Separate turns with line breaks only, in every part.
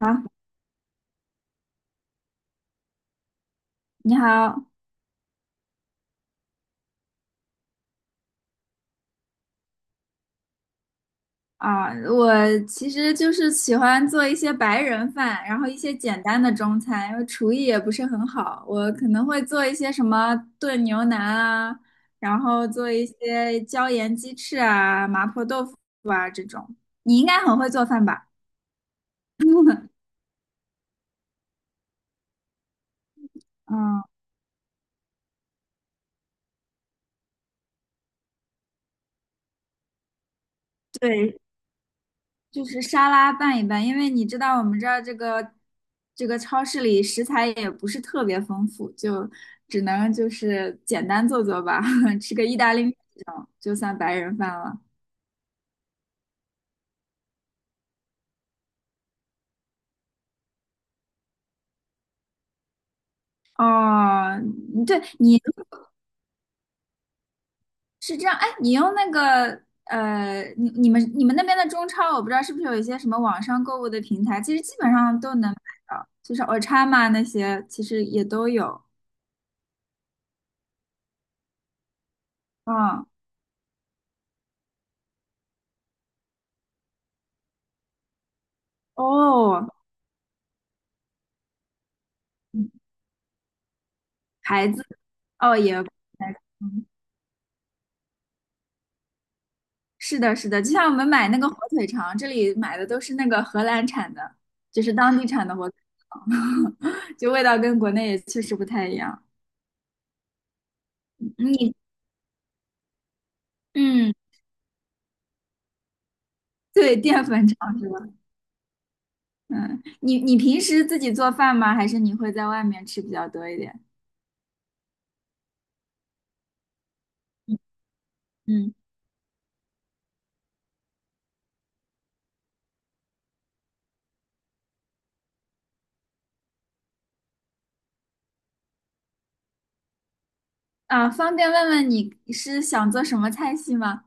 好，你好。我其实就是喜欢做一些白人饭，然后一些简单的中餐，因为厨艺也不是很好，我可能会做一些什么炖牛腩啊，然后做一些椒盐鸡翅啊、麻婆豆腐啊这种。你应该很会做饭吧？嗯，对。就是沙拉拌一拌，因为你知道我们这儿这个超市里食材也不是特别丰富，就只能就是简单做做吧，吃个意大利面这种就算白人饭了。哦，你对，你是这样，哎，你用你你们你们那边的中超，我不知道是不是有一些什么网上购物的平台，其实基本上都能买到，就是 Ochama 那些其实也都有。嗯，哦，嗯牌子，哦也。嗯，是的，是的，就像我们买那个火腿肠，这里买的都是那个荷兰产的，就是当地产的火腿肠，就味道跟国内也确实不太一样。你，嗯，对，淀粉肠是吧？嗯，你你平时自己做饭吗？还是你会在外面吃比较多一点？嗯，啊，方便问问你是想做什么菜系吗？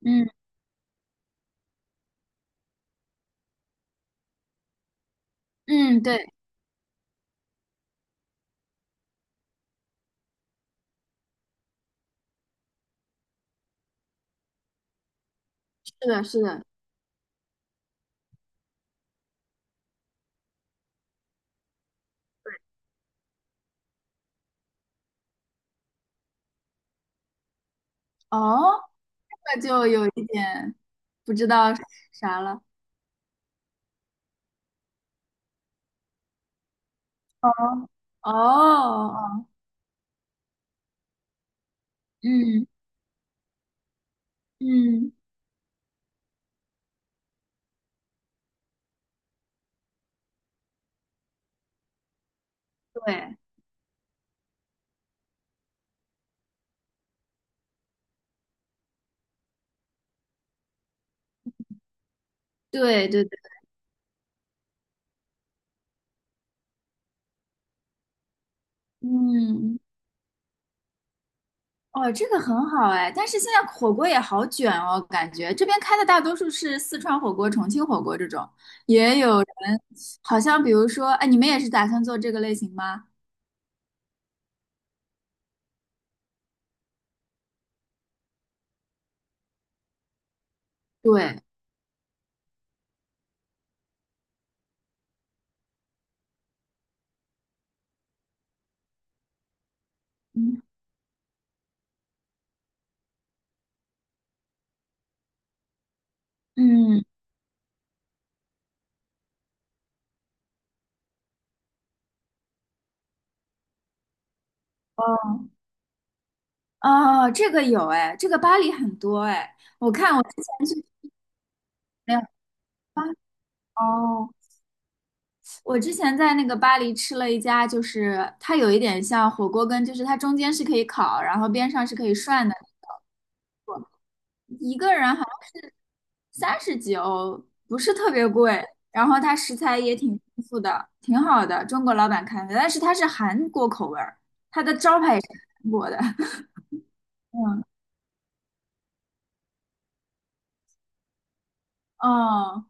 嗯嗯，对，是的，是的。哦，那就有一点不知道啥了。哦哦哦，嗯。嗯，对对对对，嗯，哦，这个很好哎，但是现在火锅也好卷哦，感觉这边开的大多数是四川火锅、重庆火锅这种，也有人好像比如说，哎，你们也是打算做这个类型吗？对，嗯嗯，哦哦，这个有哎，这个巴黎很多哎，我看我之前去，没有，巴，哦，我之前在那个巴黎吃了一家，就是它有一点像火锅跟就是它中间是可以烤，然后边上是可以涮的，一个人好像是三十几欧，不是特别贵，然后它食材也挺丰富的，挺好的，中国老板开的，但是它是韩国口味儿，它的招牌也是韩国的。嗯，哦，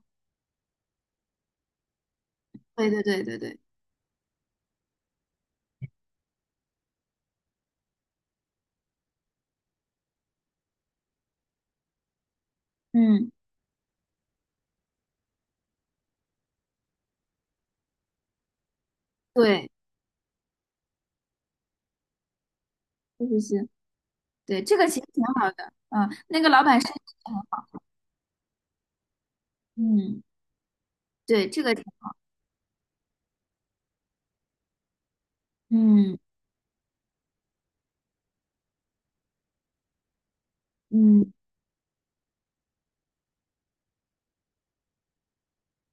对对对对对，嗯，对，确实是，对，这个其实挺好的，嗯，那个老板身体很好，嗯，对，这个挺，嗯嗯。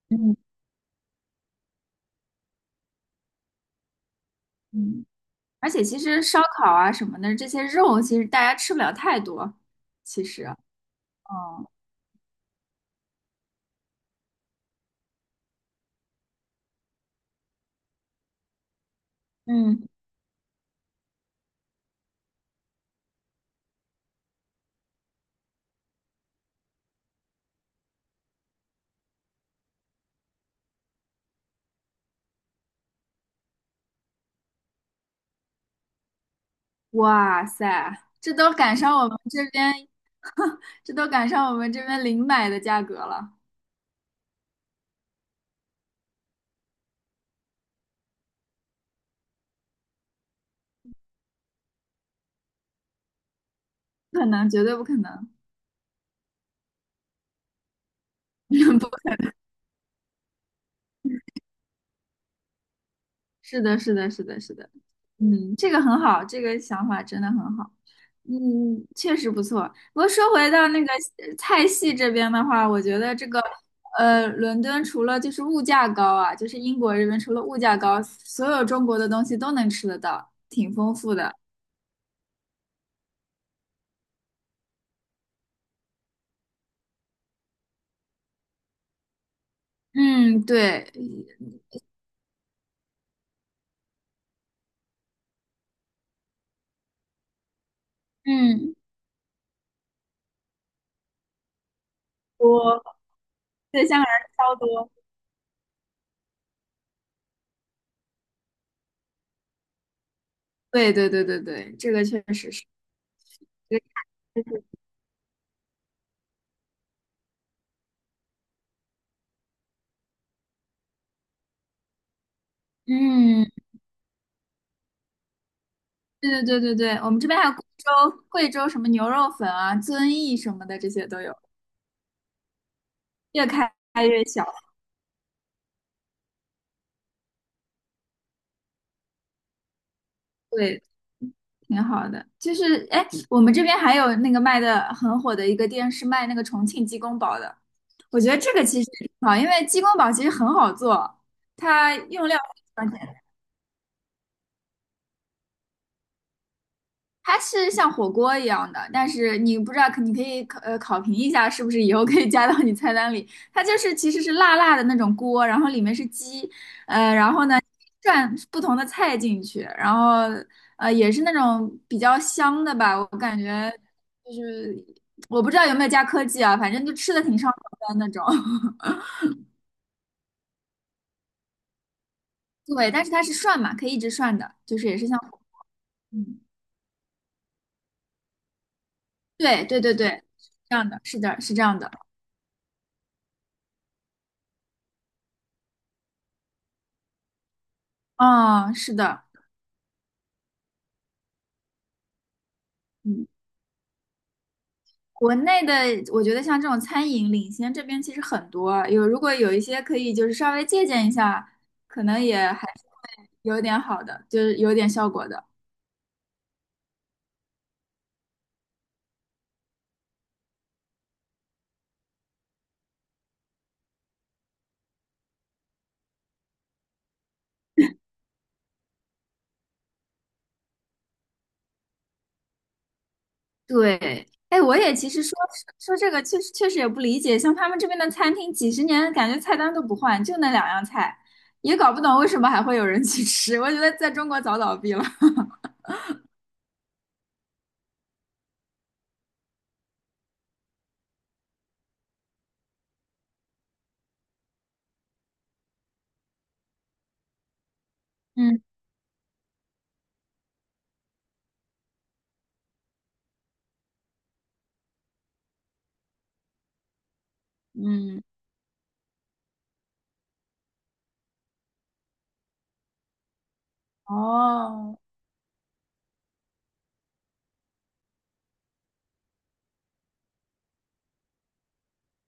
嗯嗯，而且其实烧烤啊什么的这些肉，其实大家吃不了太多。其实，嗯嗯，哇塞，这都赶上我们这边，这都赶上我们这边零买的价格了，不可能，绝对不可能。是的，是的，是的，是的，嗯，这个很好，这个想法真的很好，嗯，确实不错。不过说回到那个菜系这边的话，我觉得这个伦敦除了就是物价高啊，就是英国这边除了物价高，所有中国的东西都能吃得到，挺丰富的。嗯，对，嗯，多，对，香港人超多。对对对对对，这个确实是。嗯。对对对对对，我们这边还有贵州什么牛肉粉啊、遵义什么的，这些都有，越开越小，对，挺好的。就是哎，我们这边还有那个卖的很火的一个店，是卖那个重庆鸡公煲的。我觉得这个其实也挺好，因为鸡公煲其实很好做，它用料它是像火锅一样的，但是你不知道，你可以考考评一下，是不是以后可以加到你菜单里。它就是其实是辣辣的那种锅，然后里面是鸡，呃，然后呢涮不同的菜进去，然后呃也是那种比较香的吧，我感觉就是我不知道有没有加科技啊，反正就吃的挺上头的那种。对，但是它是涮嘛，可以一直涮的，就是也是像火锅，嗯，对对对对，是这样的，是的，是这样的，啊、是的。嗯。国内的，我觉得像这种餐饮领先这边其实很多啊，有如果有一些可以就是稍微借鉴一下，可能也还是有点好的，就是有点效果的。对，哎，我也其实说说这个，确实确实也不理解，像他们这边的餐厅几十年感觉菜单都不换，就那两样菜，也搞不懂为什么还会有人去吃。我觉得在中国早倒闭了。嗯嗯，哦，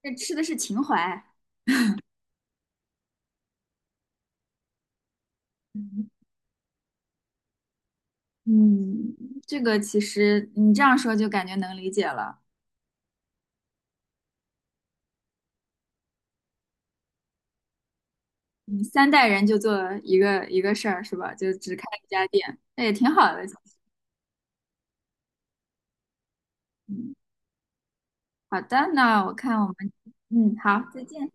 这吃的是情怀。嗯，这个其实你这样说就感觉能理解了。嗯，三代人就做一个一个事儿是吧？就只开一家店，那也挺好的。嗯，好的，那我看我们，嗯，好，再见。